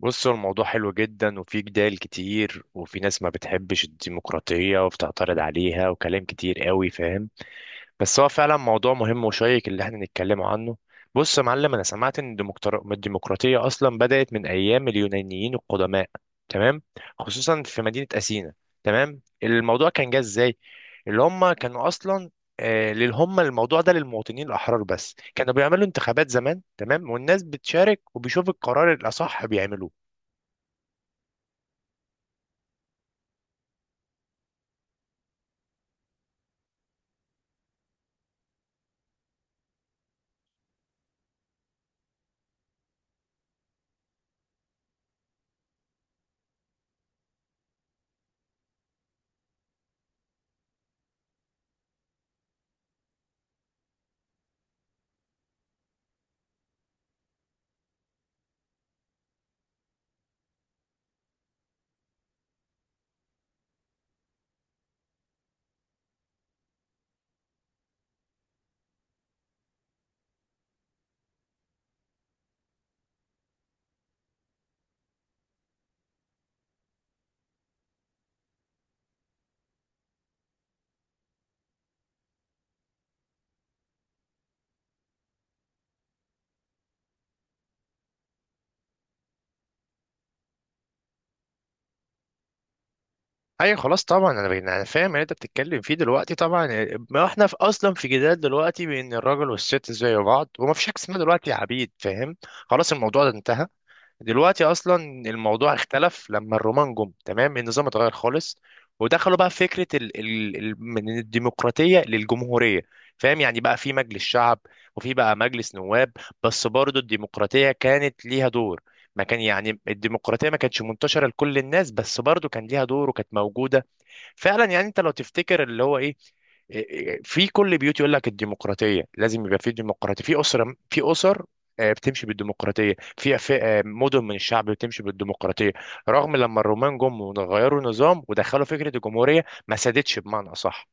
بص، هو الموضوع حلو جدا وفي جدال كتير وفي ناس ما بتحبش الديمقراطية وبتعترض عليها وكلام كتير قوي، فاهم. بس هو فعلا موضوع مهم وشيق اللي احنا نتكلم عنه. بص يا معلم، انا سمعت ان الديمقراطية اصلا بدأت من ايام اليونانيين القدماء، تمام، خصوصا في مدينة أثينا. تمام، الموضوع كان جه ازاي. اللي هم كانوا اصلا، هم الموضوع ده للمواطنين الأحرار بس. كانوا بيعملوا انتخابات زمان، تمام، والناس بتشارك وبيشوف القرار الأصح بيعملوه. اي خلاص، طبعا انا بين، انا فاهم اللي انت بتتكلم فيه دلوقتي. طبعا ما احنا في اصلا في جدال دلوقتي بين الراجل والست زي بعض، وما فيش حاجه اسمها دلوقتي عبيد، فاهم. خلاص الموضوع ده انتهى دلوقتي اصلا. الموضوع اختلف لما الرومان جم، تمام، النظام اتغير خالص، ودخلوا بقى في فكره ال ال ال من الديمقراطيه للجمهوريه، فاهم. يعني بقى في مجلس شعب، وفي بقى مجلس نواب. بس برضه الديمقراطيه كانت ليها دور، ما كان يعني الديمقراطيه ما كانتش منتشره لكل الناس، بس برضه كان ليها دور وكانت موجوده. فعلا يعني انت لو تفتكر اللي هو ايه، إيه- إيه، في كل بيوت يقول لك الديمقراطيه لازم يبقى في ديمقراطيه في اسره، في اسر آه، بتمشي بالديمقراطيه، في في، آه، مدن من الشعب بتمشي بالديمقراطيه. رغم لما الرومان جم وغيروا النظام ودخلوا فكره الجمهوريه، ما سادتش بمعنى اصح.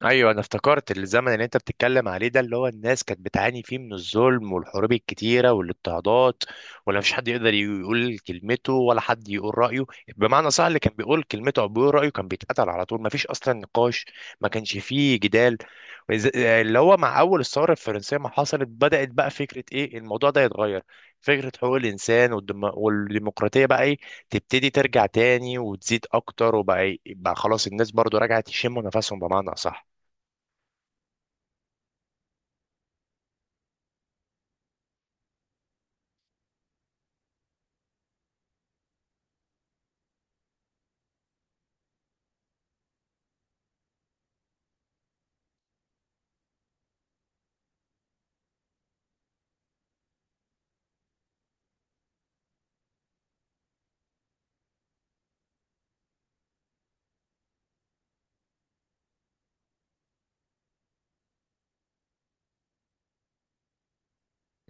ايوه، انا افتكرت الزمن اللي انت بتتكلم عليه ده، اللي هو الناس كانت بتعاني فيه من الظلم والحروب الكتيره والاضطهادات، ولا مفيش حد يقدر يقول كلمته ولا حد يقول رايه. بمعنى صح، اللي كان بيقول كلمته او بيقول رايه كان بيتقتل على طول، مفيش اصلا نقاش، ما كانش فيه جدال. اللي هو مع اول الثوره الفرنسيه ما حصلت، بدات بقى فكره ايه، الموضوع ده يتغير. فكره حقوق الانسان والديمقراطيه بقى ايه، تبتدي ترجع تاني وتزيد اكتر. وبقى إيه؟ بقى خلاص الناس برضو رجعت يشموا نفسهم بمعنى اصح.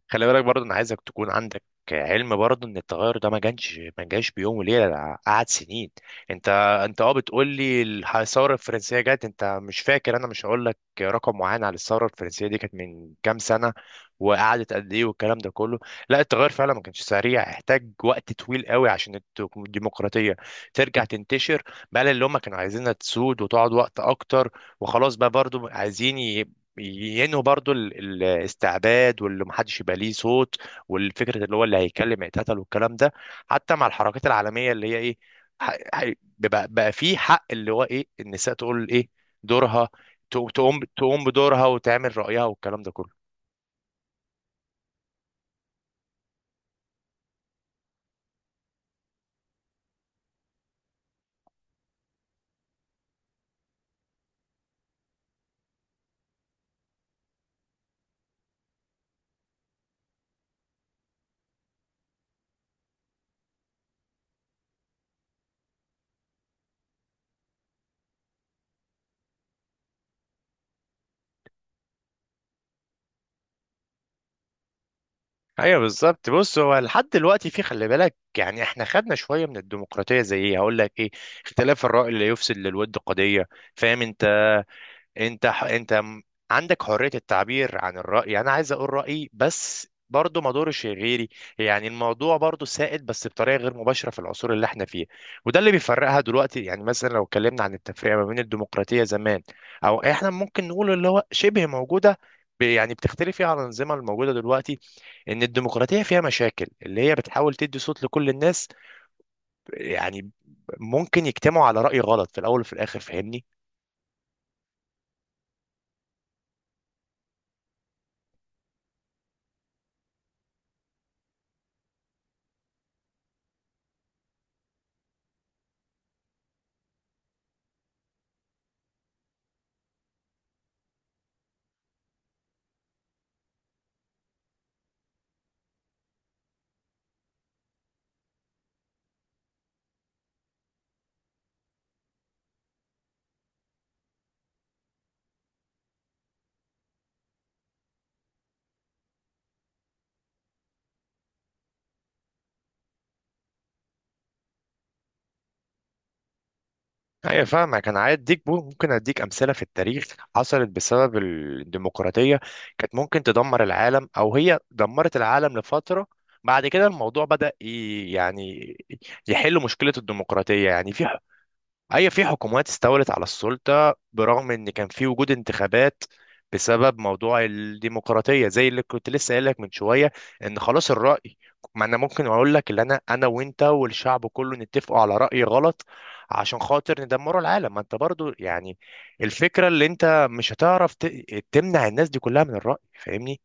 خلي بالك برضه، انا عايزك تكون عندك علم برضه ان التغير ده ما جاش بيوم وليله، ده قعد سنين. انت، انت بتقول لي الثوره الفرنسيه جت، انت مش فاكر، انا مش هقول لك رقم معين على الثوره الفرنسيه دي كانت من كام سنه وقعدت قد ايه والكلام ده كله. لا، التغير فعلا ما كانش سريع، احتاج وقت طويل قوي عشان الديمقراطيه ترجع تنتشر بقى، اللي هم كانوا عايزينها تسود وتقعد وقت اكتر. وخلاص بقى برضه عايزين ينهوا برضو الاستعباد، واللي محدش يبقى ليه صوت، والفكره اللي هو اللي هيتكلم هيتقتل والكلام ده. حتى مع الحركات العالميه اللي هي ايه، ح- ح- بقى في حق اللي هو ايه، النساء تقول ايه، دورها، تقوم تقوم بدورها وتعمل رايها والكلام ده كله. ايوه بالظبط. بص، هو لحد دلوقتي في، خلي بالك يعني، احنا خدنا شويه من الديمقراطيه زي ايه، هقول لك ايه، اختلاف الراي لا يفسد للود قضيه، فاهم انت. انت ح... انت م- عندك حرية التعبير عن الرأي، يعني انا عايز اقول رأيي بس برضه ما دورش غيري. يعني الموضوع برضه سائد بس بطريقة غير مباشرة في العصور اللي احنا فيه. وده اللي بيفرقها دلوقتي، يعني مثلا لو اتكلمنا عن التفرقة ما بين الديمقراطية زمان او احنا ممكن نقول اللي هو شبه موجودة، يعني بتختلف فيها عن الأنظمة الموجودة دلوقتي. إن الديمقراطية فيها مشاكل، اللي هي بتحاول تدي صوت لكل الناس، يعني ممكن يجتمعوا على رأي غلط في الأول وفي الآخر، فاهمني. ايوه فاهمك. انا عايز اديك ممكن اديك امثله في التاريخ حصلت بسبب الديمقراطيه، كانت ممكن تدمر العالم، او هي دمرت العالم لفتره. بعد كده الموضوع بدأ يعني يحل مشكله الديمقراطيه. يعني في، هي، في حكومات استولت على السلطة برغم إن كان في وجود انتخابات، بسبب موضوع الديمقراطية زي اللي كنت لسه قايل لك من شوية، إن خلاص الرأي، ما أنا ممكن أقول لك اللي أنا وأنت والشعب كله نتفقوا على رأي غلط عشان خاطر ندمروا العالم. ما أنت برضو يعني الفكرة اللي أنت مش هتعرف تمنع الناس دي كلها من الرأي، فاهمني.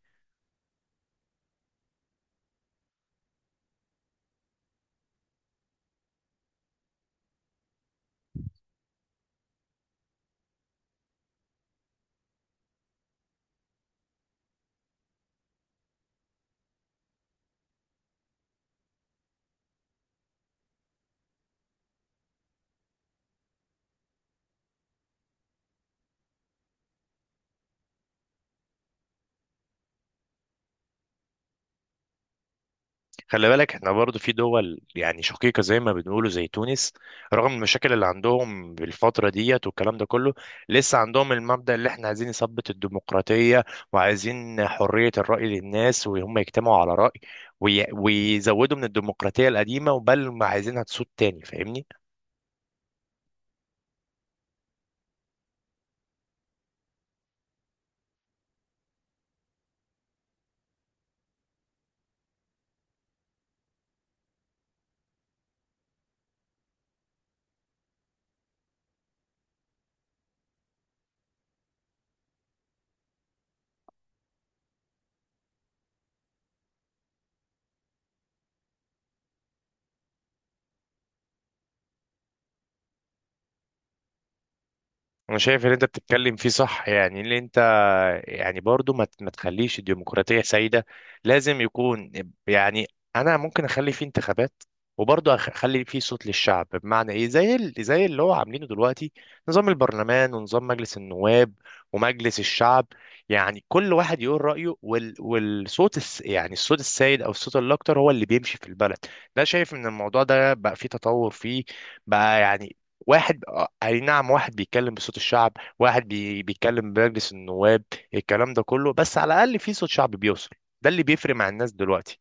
خلي بالك، احنا برضو في دول يعني شقيقة زي ما بنقولوا زي تونس، رغم المشاكل اللي عندهم بالفترة ديت والكلام ده كله، لسه عندهم المبدأ اللي احنا عايزين نثبت الديمقراطية، وعايزين حرية الرأي للناس، وهم يجتمعوا على رأي، ويزودوا من الديمقراطية القديمة وبل ما عايزينها تسود تاني، فاهمني؟ انا شايف ان انت بتتكلم فيه صح، يعني اللي انت يعني برضو ما تخليش الديمقراطية سيدة، لازم يكون يعني، أنا ممكن أخلي فيه انتخابات وبرضه أخلي فيه صوت للشعب، بمعنى إيه، زي زي اللي هو عاملينه دلوقتي، نظام البرلمان ونظام مجلس النواب ومجلس الشعب. يعني كل واحد يقول رأيه، والصوت يعني الصوت السائد أو الصوت الأكتر هو اللي بيمشي في البلد. ده شايف إن الموضوع ده بقى فيه تطور فيه بقى، يعني واحد، أي نعم، واحد بيتكلم بصوت الشعب، واحد بيتكلم بمجلس النواب، الكلام ده كله، بس على الاقل في صوت شعبي بيوصل. ده اللي بيفرق مع الناس دلوقتي.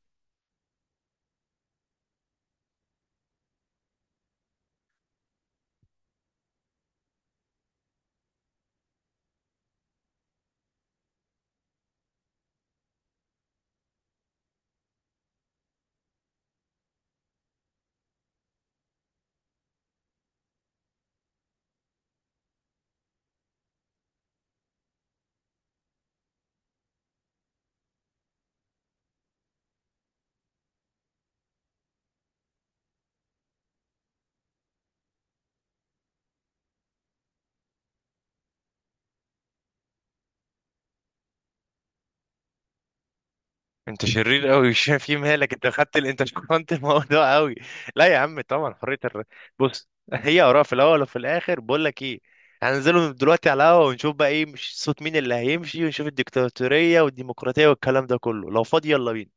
انت شرير قوي مش فاهم في مالك انت خدت انت شكرت الموضوع قوي. لا يا عم طبعا حريه بص، هي اراء في الاول وفي الاخر، بقول لك ايه، هننزلوا دلوقتي على القهوه ونشوف بقى ايه، مش صوت مين اللي هيمشي، ونشوف الديكتاتوريه والديمقراطيه والكلام ده كله، لو فاضي يلا بينا.